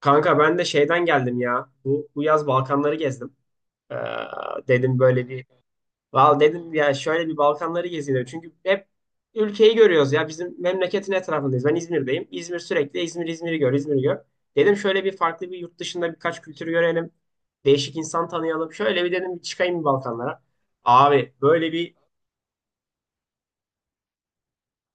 Kanka ben de şeyden geldim ya. Bu yaz Balkanları gezdim. Ee, dedim böyle bir Val dedim ya şöyle bir Balkanları gezeyim dedim. Çünkü hep ülkeyi görüyoruz ya. Bizim memleketin etrafındayız. Ben İzmir'deyim. İzmir sürekli İzmir'i gör, İzmir'i gör. Dedim şöyle bir farklı bir yurt dışında birkaç kültürü görelim. Değişik insan tanıyalım. Şöyle bir dedim bir çıkayım bir Balkanlara. Abi böyle bir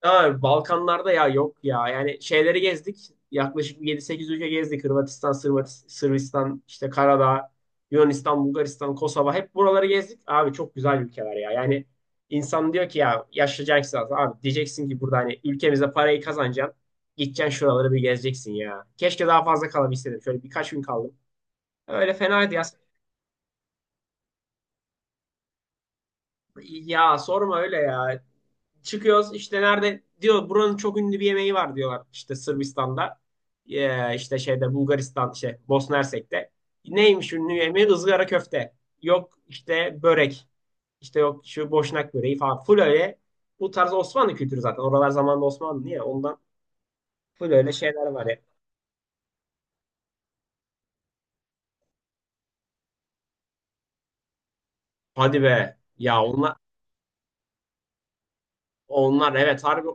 Ama Balkanlarda ya yok ya. Yani şeyleri gezdik. Yaklaşık yedi sekiz ülke gezdik. Hırvatistan, Sırbistan, işte Karadağ, Yunanistan, Bulgaristan, Kosova. Hep buraları gezdik. Abi çok güzel ülkeler ya. Yani insan diyor ki ya yaşlayacaksın zaten. Abi diyeceksin ki burada hani ülkemize parayı kazanacaksın. Gideceksin şuraları bir gezeceksin ya. Keşke daha fazla kalabilseydim. Şöyle birkaç gün kaldım. Öyle fenaydı ya. Ya sorma öyle ya. Çıkıyoruz işte nerede diyor buranın çok ünlü bir yemeği var diyorlar işte Sırbistan'da işte şeyde Bulgaristan şey Bosna Hersek'te. Neymiş ünlü yemeği? Izgara köfte. Yok işte börek. İşte yok şu boşnak böreği falan. Full öyle bu tarz Osmanlı kültürü zaten. Oralar zamanında Osmanlı niye? Ondan full öyle şeyler var ya. Hadi be. Ya onlar evet harbi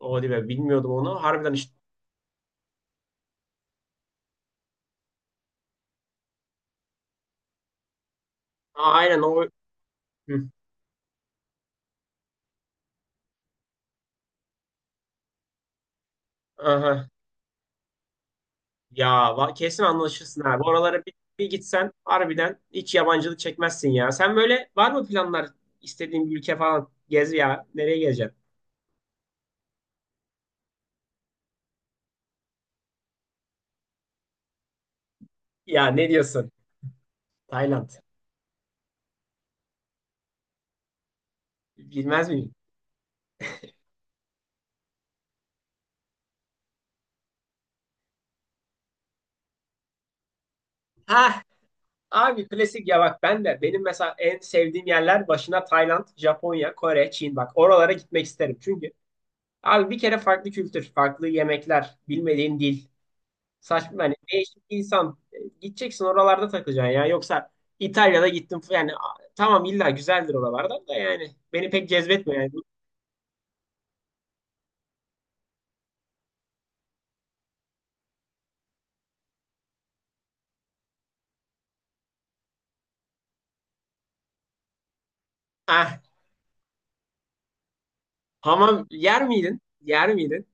hadi be bilmiyordum onu. Harbiden işte. Aa, aynen o. Hı. Aha. Ya kesin anlaşırsın abi. Oralara bir gitsen harbiden hiç yabancılık çekmezsin ya. Sen böyle var mı planlar istediğin bir ülke falan? Gez ya. Nereye gezeceksin? Ya ne diyorsun? Tayland. Bilmez miyim? Ha, abi klasik ya bak ben de benim mesela en sevdiğim yerler başına Tayland, Japonya, Kore, Çin bak oralara gitmek isterim. Çünkü abi bir kere farklı kültür, farklı yemekler, bilmediğin dil. Saçma yani değişik insan. Gideceksin oralarda takılacaksın ya. Yoksa İtalya'da gittim yani tamam illa güzeldir oralarda da yani beni pek cezbetmiyor yani. Ah, hamam yer miydin? Yer miydin?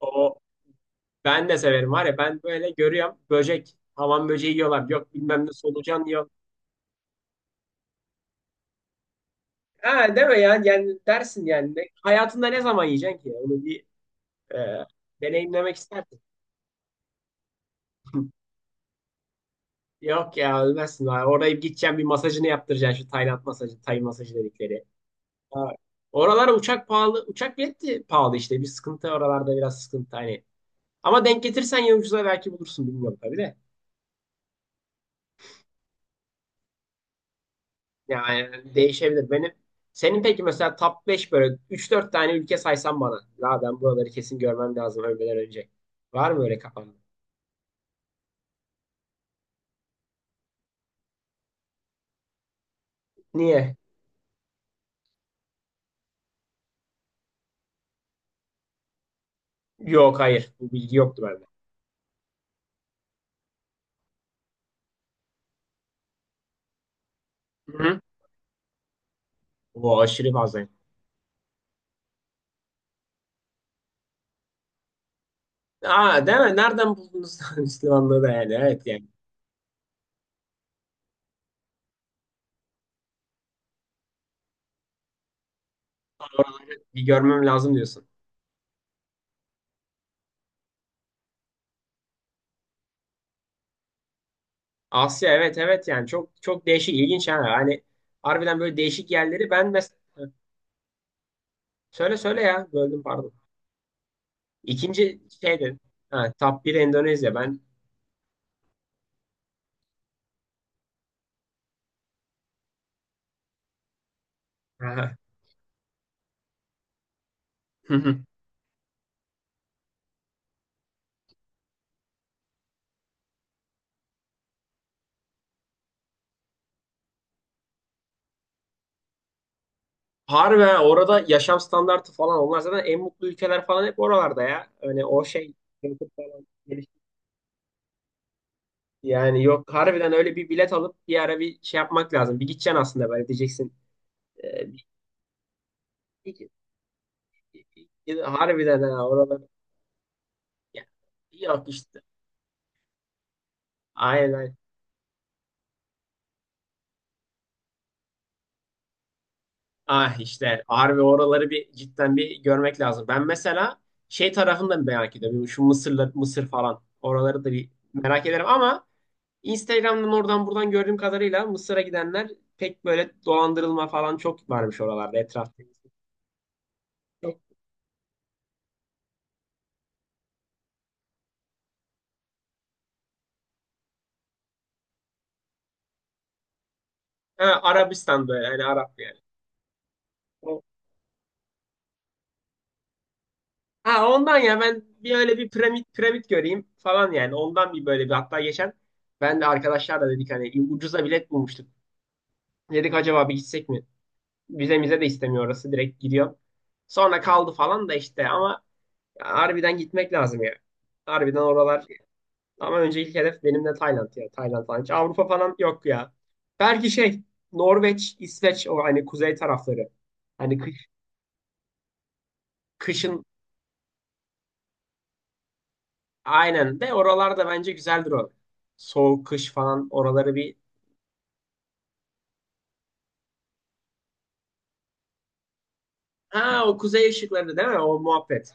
O ben de severim var ya ben böyle görüyorum böcek hamam böceği yiyorlar yok bilmem ne solucan yiyor. Ha deme ya yani dersin yani. Hayatında ne zaman yiyeceksin ki onu bir e, deneyimlemek istersin. Yok ya ölmezsin. Oraya gideceğim bir masajını yaptıracaksın şu Tayland masajı, Tay masajı dedikleri. Ha, oralar uçak pahalı. Uçak bileti pahalı işte. Bir sıkıntı oralarda biraz sıkıntı hani. Ama denk getirsen ya ucuza belki bulursun bilmiyorum tabii de. Yani değişebilir. Benim senin peki mesela top 5 böyle üç dört tane ülke saysan bana. La ben buraları kesin görmem lazım ölmeden önce. Var mı öyle kafanda? Niye? Yok hayır. Bu bilgi yoktu bende. Hı-hı. O aşırı fazla. Aa değil mi? Nereden buldunuz Müslümanlığı da yani? Evet yani. Bir görmem lazım diyorsun. Asya, evet evet yani çok çok değişik ilginç yani. Hani harbiden böyle değişik yerleri ben mesela söyle söyle ya böldüm pardon. İkinci şeydi. Ha, top 1 Endonezya ben. Aha. Hı hı. Harbi ha, orada yaşam standartı falan onlar zaten en mutlu ülkeler falan hep oralarda ya. Hani o şey falan gelişti. Yani yok harbiden öyle bir bilet alıp bir ara bir şey yapmak lazım. Bir gideceksin aslında böyle diyeceksin. Ee, bir- bir- bir- Harbiden ha oralar. Ya, yok işte. Aynen. Ah işte harbi oraları bir cidden bir görmek lazım. Ben mesela şey tarafını da merak ediyorum. Şu Mısır'la Mısır falan oraları da bir merak ederim ama Instagram'dan oradan buradan gördüğüm kadarıyla Mısır'a gidenler pek böyle dolandırılma falan çok varmış oralarda etrafta. Çok. Ha, Arabistan'da yani Arap yani. O- Ha ondan ya ben bir öyle bir piramit göreyim falan yani ondan bir böyle bir hatta geçen ben de arkadaşlarla dedik hani ucuza bilet bulmuştuk. Dedik acaba bir gitsek mi? Vizemize de istemiyor orası. Direkt gidiyor. Sonra kaldı falan da işte ama harbiden gitmek lazım ya. Harbiden oralar. Ama önce ilk hedef benim de Tayland ya. Tayland falan. Hiç Avrupa falan yok ya. Belki şey Norveç, İsveç o hani kuzey tarafları. Hani kış, kışın aynen de oralarda bence güzeldir o. Soğuk kış falan oraları bir. Ha o kuzey ışıkları değil mi? O muhabbet.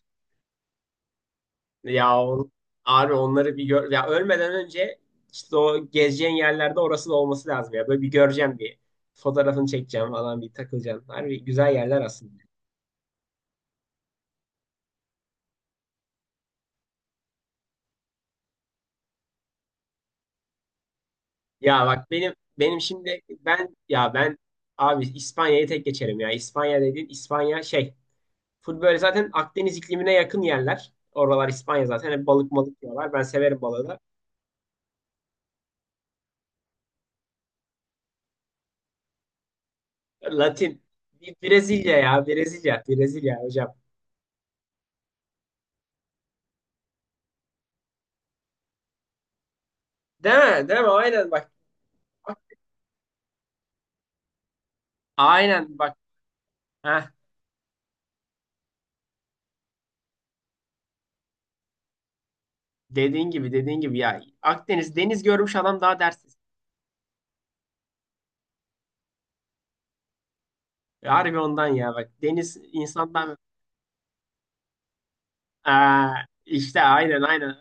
Ya on, abi onları bir gör ya ölmeden önce işte o gezeceğin yerlerde orası da olması lazım ya. Böyle bir göreceğim bir fotoğrafını çekeceğim falan bir takılacağım. Harbi güzel yerler aslında. Ya bak benim şimdi ben ya ben abi İspanya'yı tek geçerim ya. İspanya dediğin İspanya şey full böyle zaten Akdeniz iklimine yakın yerler. Oralar İspanya zaten hep balık malık diyorlar. Ben severim balığı da. Latin bir Brezilya ya Brezilya hocam. Değil mi? Değil mi? Aynen bak. Aynen bak. Heh, dediğin gibi dediğin gibi ya Akdeniz deniz görmüş adam daha dersiz. Harbi ondan ya bak deniz insandan. Aa, işte aynen aynen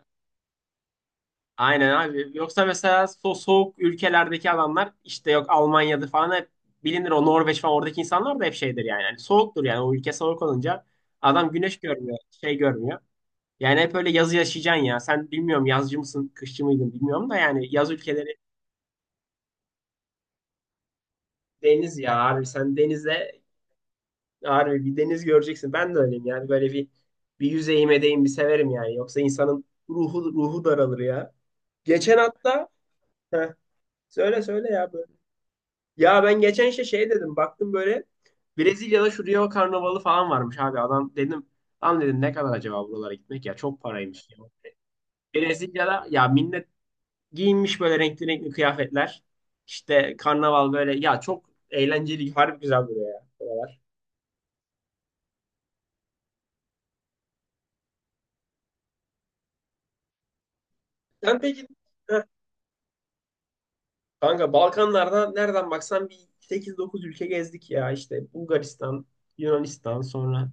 aynen abi. Yoksa mesela soğuk ülkelerdeki adamlar işte yok Almanya'da falan hep bilinir o Norveç falan oradaki insanlar da hep şeydir yani. Yani soğuktur yani o ülke soğuk olunca adam güneş görmüyor şey görmüyor. Yani hep öyle yazı yaşayacaksın ya. Sen bilmiyorum yazcı mısın, kışçı mıydın bilmiyorum da yani yaz ülkeleri deniz ya abi. Sen denize harbi bir deniz göreceksin. Ben de öyleyim yani böyle bir bir yüzeyime değin bir severim yani. Yoksa insanın ruhu daralır ya. Geçen hatta heh, söyle söyle ya böyle. Ya ben geçen işte şey dedim baktım böyle Brezilya'da şu Rio Karnavalı falan varmış abi adam dedim. Lan dedim ne kadar acaba buralara gitmek ya çok paraymış ya. Brezilya'da ya millet giyinmiş böyle renkli renkli kıyafetler. İşte karnaval böyle ya çok eğlenceli harbi güzel duruyor ya. Buralar. Sen peki. Heh, kanka Balkanlarda nereden baksan bir 8-9 ülke gezdik ya işte Bulgaristan, Yunanistan, sonra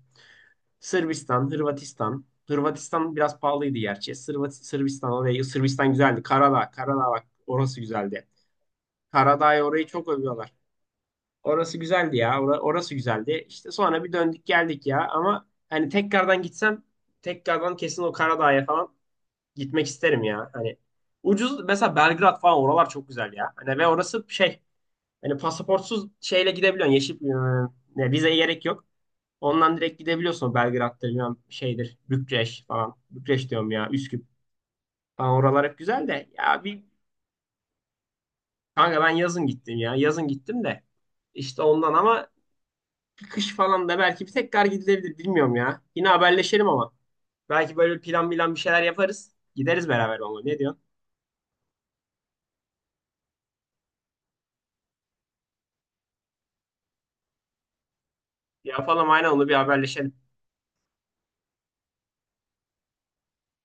Sırbistan, Hırvatistan. Hırvatistan biraz pahalıydı gerçi. Sırbistan orayı Sırbistan güzeldi. Karadağ, Karadağ bak orası güzeldi. Karadağ'ı orayı çok övüyorlar. Orası güzeldi ya. Orası güzeldi. İşte sonra bir döndük geldik ya ama hani tekrardan gitsem tekrardan kesin o Karadağ'a falan gitmek isterim ya. Hani ucuz mesela Belgrad falan oralar çok güzel ya. Hani ve orası şey. Hani pasaportsuz şeyle gidebiliyorsun. Yeşil ne, vizeye gerek yok. Ondan direkt gidebiliyorsun Belgrad'dır, bilmem şeydir, Bükreş falan. Bükreş diyorum ya, Üsküp falan oralar hep güzel de. Ya bir kanka ben yazın gittim ya. Yazın gittim de. İşte ondan ama kış falan da belki bir tekrar gidilebilir bilmiyorum ya. Yine haberleşelim ama. Belki böyle plan bilen bir şeyler yaparız. Gideriz beraber onunla. Ne diyorsun? Yapalım aynen onu bir haberleşelim.